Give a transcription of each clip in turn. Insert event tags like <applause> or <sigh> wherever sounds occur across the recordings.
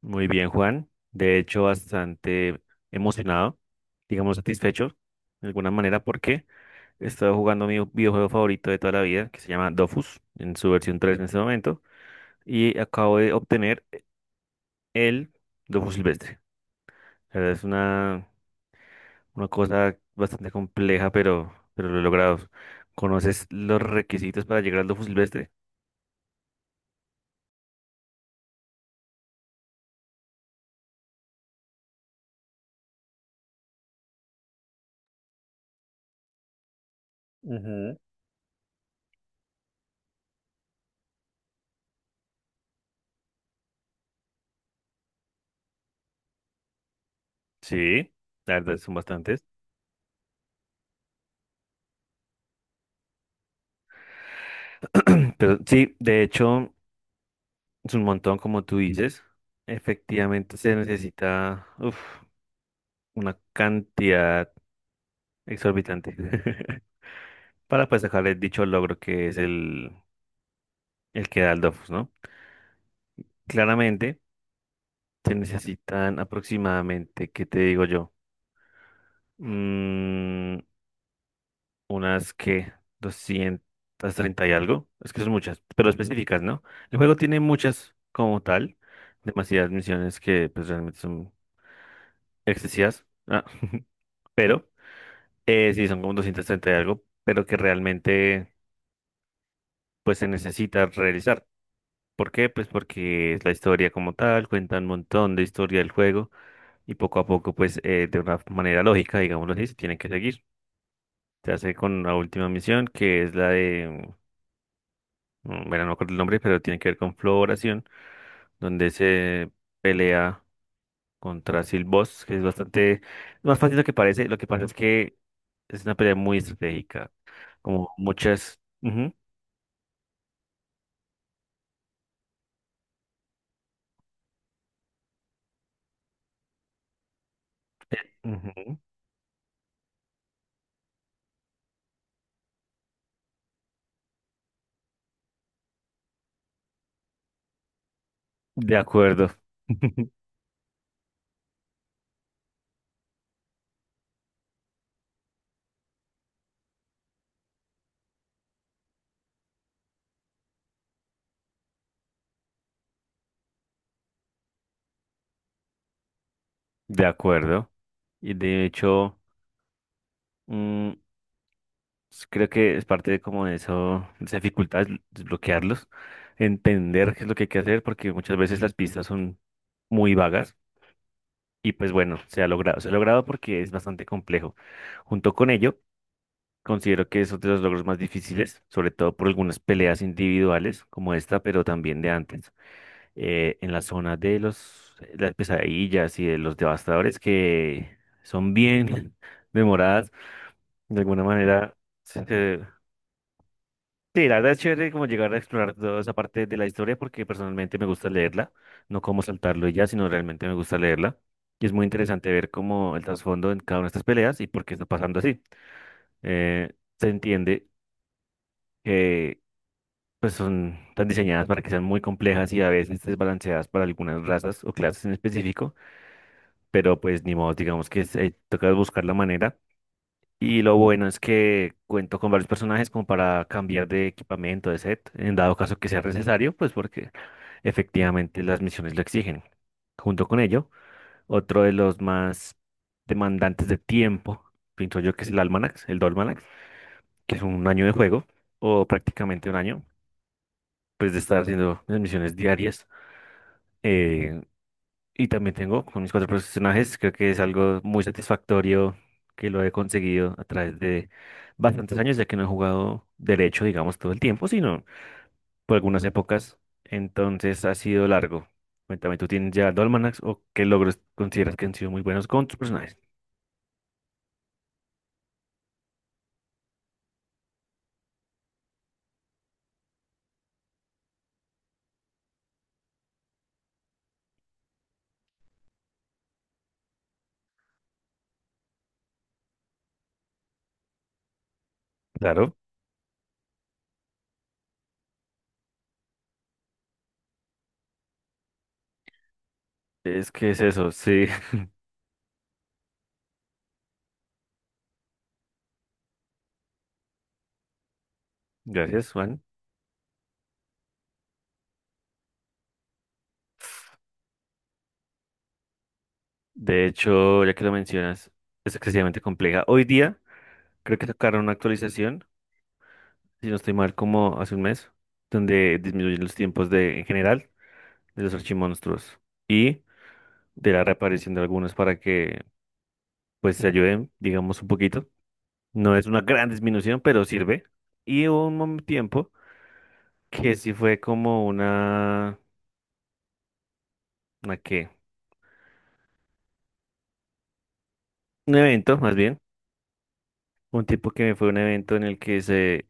Muy bien, Juan. De hecho, bastante emocionado, digamos satisfecho, de alguna manera, porque he estado jugando mi videojuego favorito de toda la vida, que se llama Dofus, en su versión 3 en este momento, y acabo de obtener el Dofus Silvestre. La verdad es una cosa bastante compleja, pero lo he logrado. ¿Conoces los requisitos para llegar al Dofus Silvestre? Ujú. Sí, la verdad son bastantes. Pero sí, de hecho. Es un montón, como tú dices. Efectivamente, se necesita uf, una cantidad exorbitante <laughs> para pues sacarle dicho logro que es el que da el Dofus, ¿no? Claramente, se necesitan aproximadamente, ¿qué te digo yo? Mm, unas que 230 y algo. Es que son muchas, pero específicas, ¿no? El juego tiene muchas como tal, demasiadas misiones que pues realmente son excesivas. Ah, <laughs> pero. Sí, son como 230 y algo, pero que realmente pues se necesita realizar. ¿Por qué? Pues porque es la historia como tal, cuenta un montón de historia del juego y poco a poco pues de una manera lógica, digámoslo así, se tienen que seguir. Se hace con la última misión que es la de, bueno, no me acuerdo el nombre, pero tiene que ver con floración, donde se pelea contra Silboss, que es bastante más fácil de lo que parece. Lo que pasa es que es una pelea muy estratégica, como muchas. Ujú, ujú. De acuerdo, <laughs> de acuerdo. Y de hecho, mm, creo que es parte de como de eso, de esa dificultad, desbloquearlos, entender qué es lo que hay que hacer, porque muchas veces las pistas son muy vagas. Y pues bueno, se ha logrado porque es bastante complejo. Junto con ello, considero que es otro de los logros más difíciles, sobre todo por algunas peleas individuales como esta, pero también de antes. En la zona de las pesadillas y de los devastadores que son bien <laughs> memoradas. De alguna manera, se- sí, la verdad es chévere como llegar a explorar toda esa parte de la historia porque personalmente me gusta leerla, no como saltarlo y ya, sino realmente me gusta leerla. Y es muy interesante ver cómo el trasfondo en cada una de estas peleas y por qué está pasando así. Eh, Se entiende que pues son tan diseñadas para que sean muy complejas y a veces desbalanceadas para algunas razas o clases en específico, pero pues ni modo, digamos que toca buscar la manera. Y lo bueno es que cuento con varios personajes como para cambiar de equipamiento, de set, en dado caso que sea necesario, pues porque efectivamente las misiones lo exigen. Junto con ello, otro de los más demandantes de tiempo, pienso yo que es el Almanac, el Dolmanax, que es un año de juego, o prácticamente un año, pues de estar haciendo las misiones diarias. eh, Y también tengo con mis cuatro personajes, creo que es algo muy satisfactorio que lo he conseguido a través de bastantes años, ya que no he jugado derecho, digamos, todo el tiempo, sino por algunas épocas. Entonces ha sido largo. Cuéntame, ¿tú tienes ya Dolmanax o qué logros consideras que han sido muy buenos con tus personajes? Claro, es que es eso, sí. <laughs> Gracias, Juan. De hecho, ya que lo mencionas, es excesivamente compleja. Hoy día creo que sacaron una actualización, si no estoy mal, como hace un mes, donde disminuyen los tiempos de, en general, de los archimonstruos y de la reaparición de algunos para que, pues, se ayuden, digamos, un poquito. No es una gran disminución, pero sirve. Y hubo un tiempo que sí fue como ¿una qué? Un evento, más bien. Un tipo que fue un evento en el que se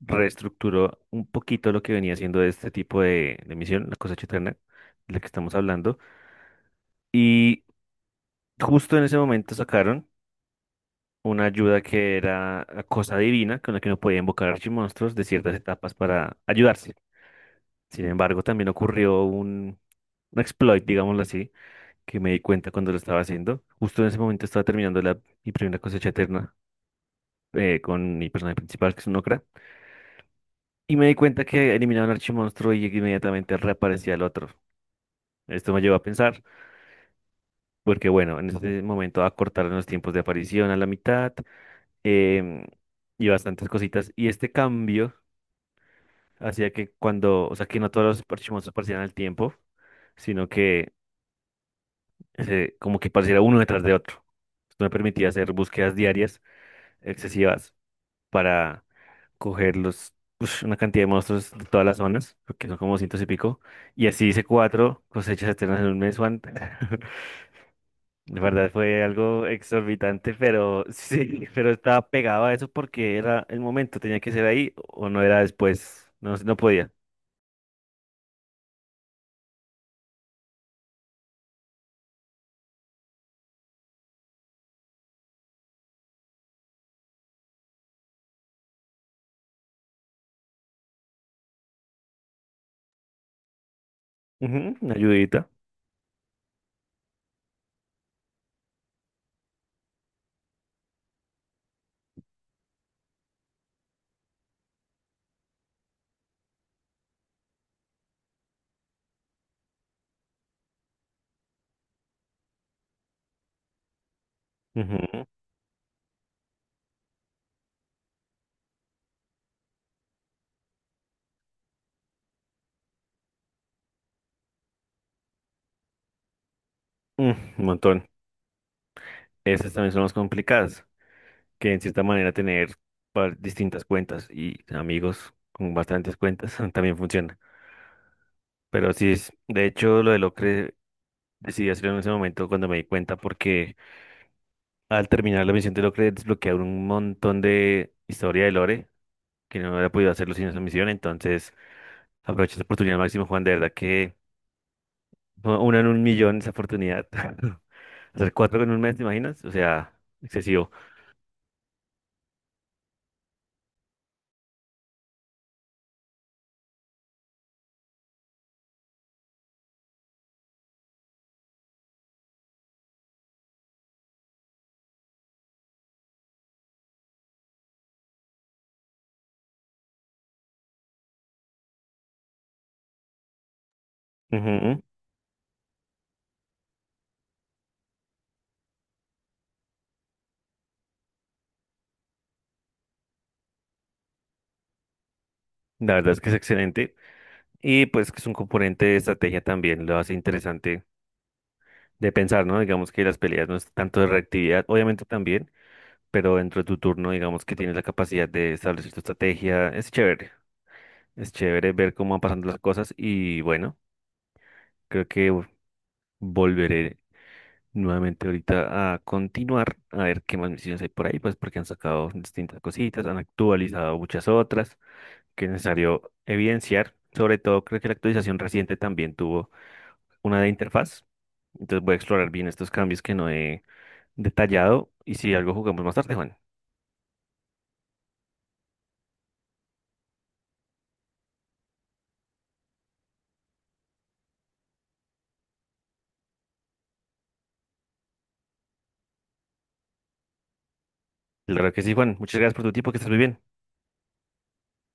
reestructuró un poquito lo que venía siendo este tipo de misión, la cosecha eterna, de la que estamos hablando. Y justo en ese momento sacaron una ayuda que era la cosa divina con la que uno podía invocar archimonstruos de ciertas etapas para ayudarse. Sin embargo, también ocurrió un exploit, digámoslo así, que me di cuenta cuando lo estaba haciendo. Justo en ese momento estaba terminando mi primera cosecha eterna con mi personaje principal, que es un Okra, y me di cuenta que eliminaba un archimonstruo y inmediatamente reaparecía el otro. Esto me llevó a pensar, porque bueno, en ese momento acortaron los tiempos de aparición a la mitad, em, y bastantes cositas. Y este cambio hacía que cuando, o sea, que no todos los parchimosos aparecieran al tiempo, sino que como que pareciera uno detrás de otro. Esto me permitía hacer búsquedas diarias excesivas para coger una cantidad de monstruos de todas las zonas, porque son como cientos y pico. Y así hice cuatro cosechas eternas en un mes, Juan. <laughs> De verdad fue algo exorbitante, pero <laughs> sí, pero estaba pegado a eso porque era el momento, tenía que ser ahí o no era después, no, no podía. Ujú, una ayudita. Mm, un montón. Esas también son las complicadas, que en cierta manera tener distintas cuentas y amigos con bastantes cuentas <laughs> también funciona. Pero sí es, de hecho, lo de Locre decidí hacerlo en ese momento cuando me di cuenta porque al terminar la misión de Locre desbloquearon un montón de historia de Lore que no había podido hacerlo sin esa misión. Entonces, aproveché esa oportunidad al máximo, Juan, de verdad que fue una en un millón esa oportunidad. <laughs> Hacer cuatro en un mes, ¿te imaginas? O sea, excesivo. Ujú. La verdad es que es excelente. Y pues que es un componente de estrategia también, lo hace interesante de pensar, ¿no? Digamos que las peleas no es tanto de reactividad, obviamente también, pero dentro de tu turno, digamos que tienes la capacidad de establecer tu estrategia. Es chévere ver cómo van pasando las cosas y bueno, creo que volveré nuevamente ahorita a continuar, a ver qué más misiones hay por ahí, pues porque han sacado distintas cositas, han actualizado muchas otras que es necesario evidenciar. Sobre todo, creo que la actualización reciente también tuvo una de interfaz. Entonces voy a explorar bien estos cambios que no he detallado y si algo jugamos más tarde, Juan. Claro que sí, Juan. Muchas gracias por tu tiempo, que estés muy bien.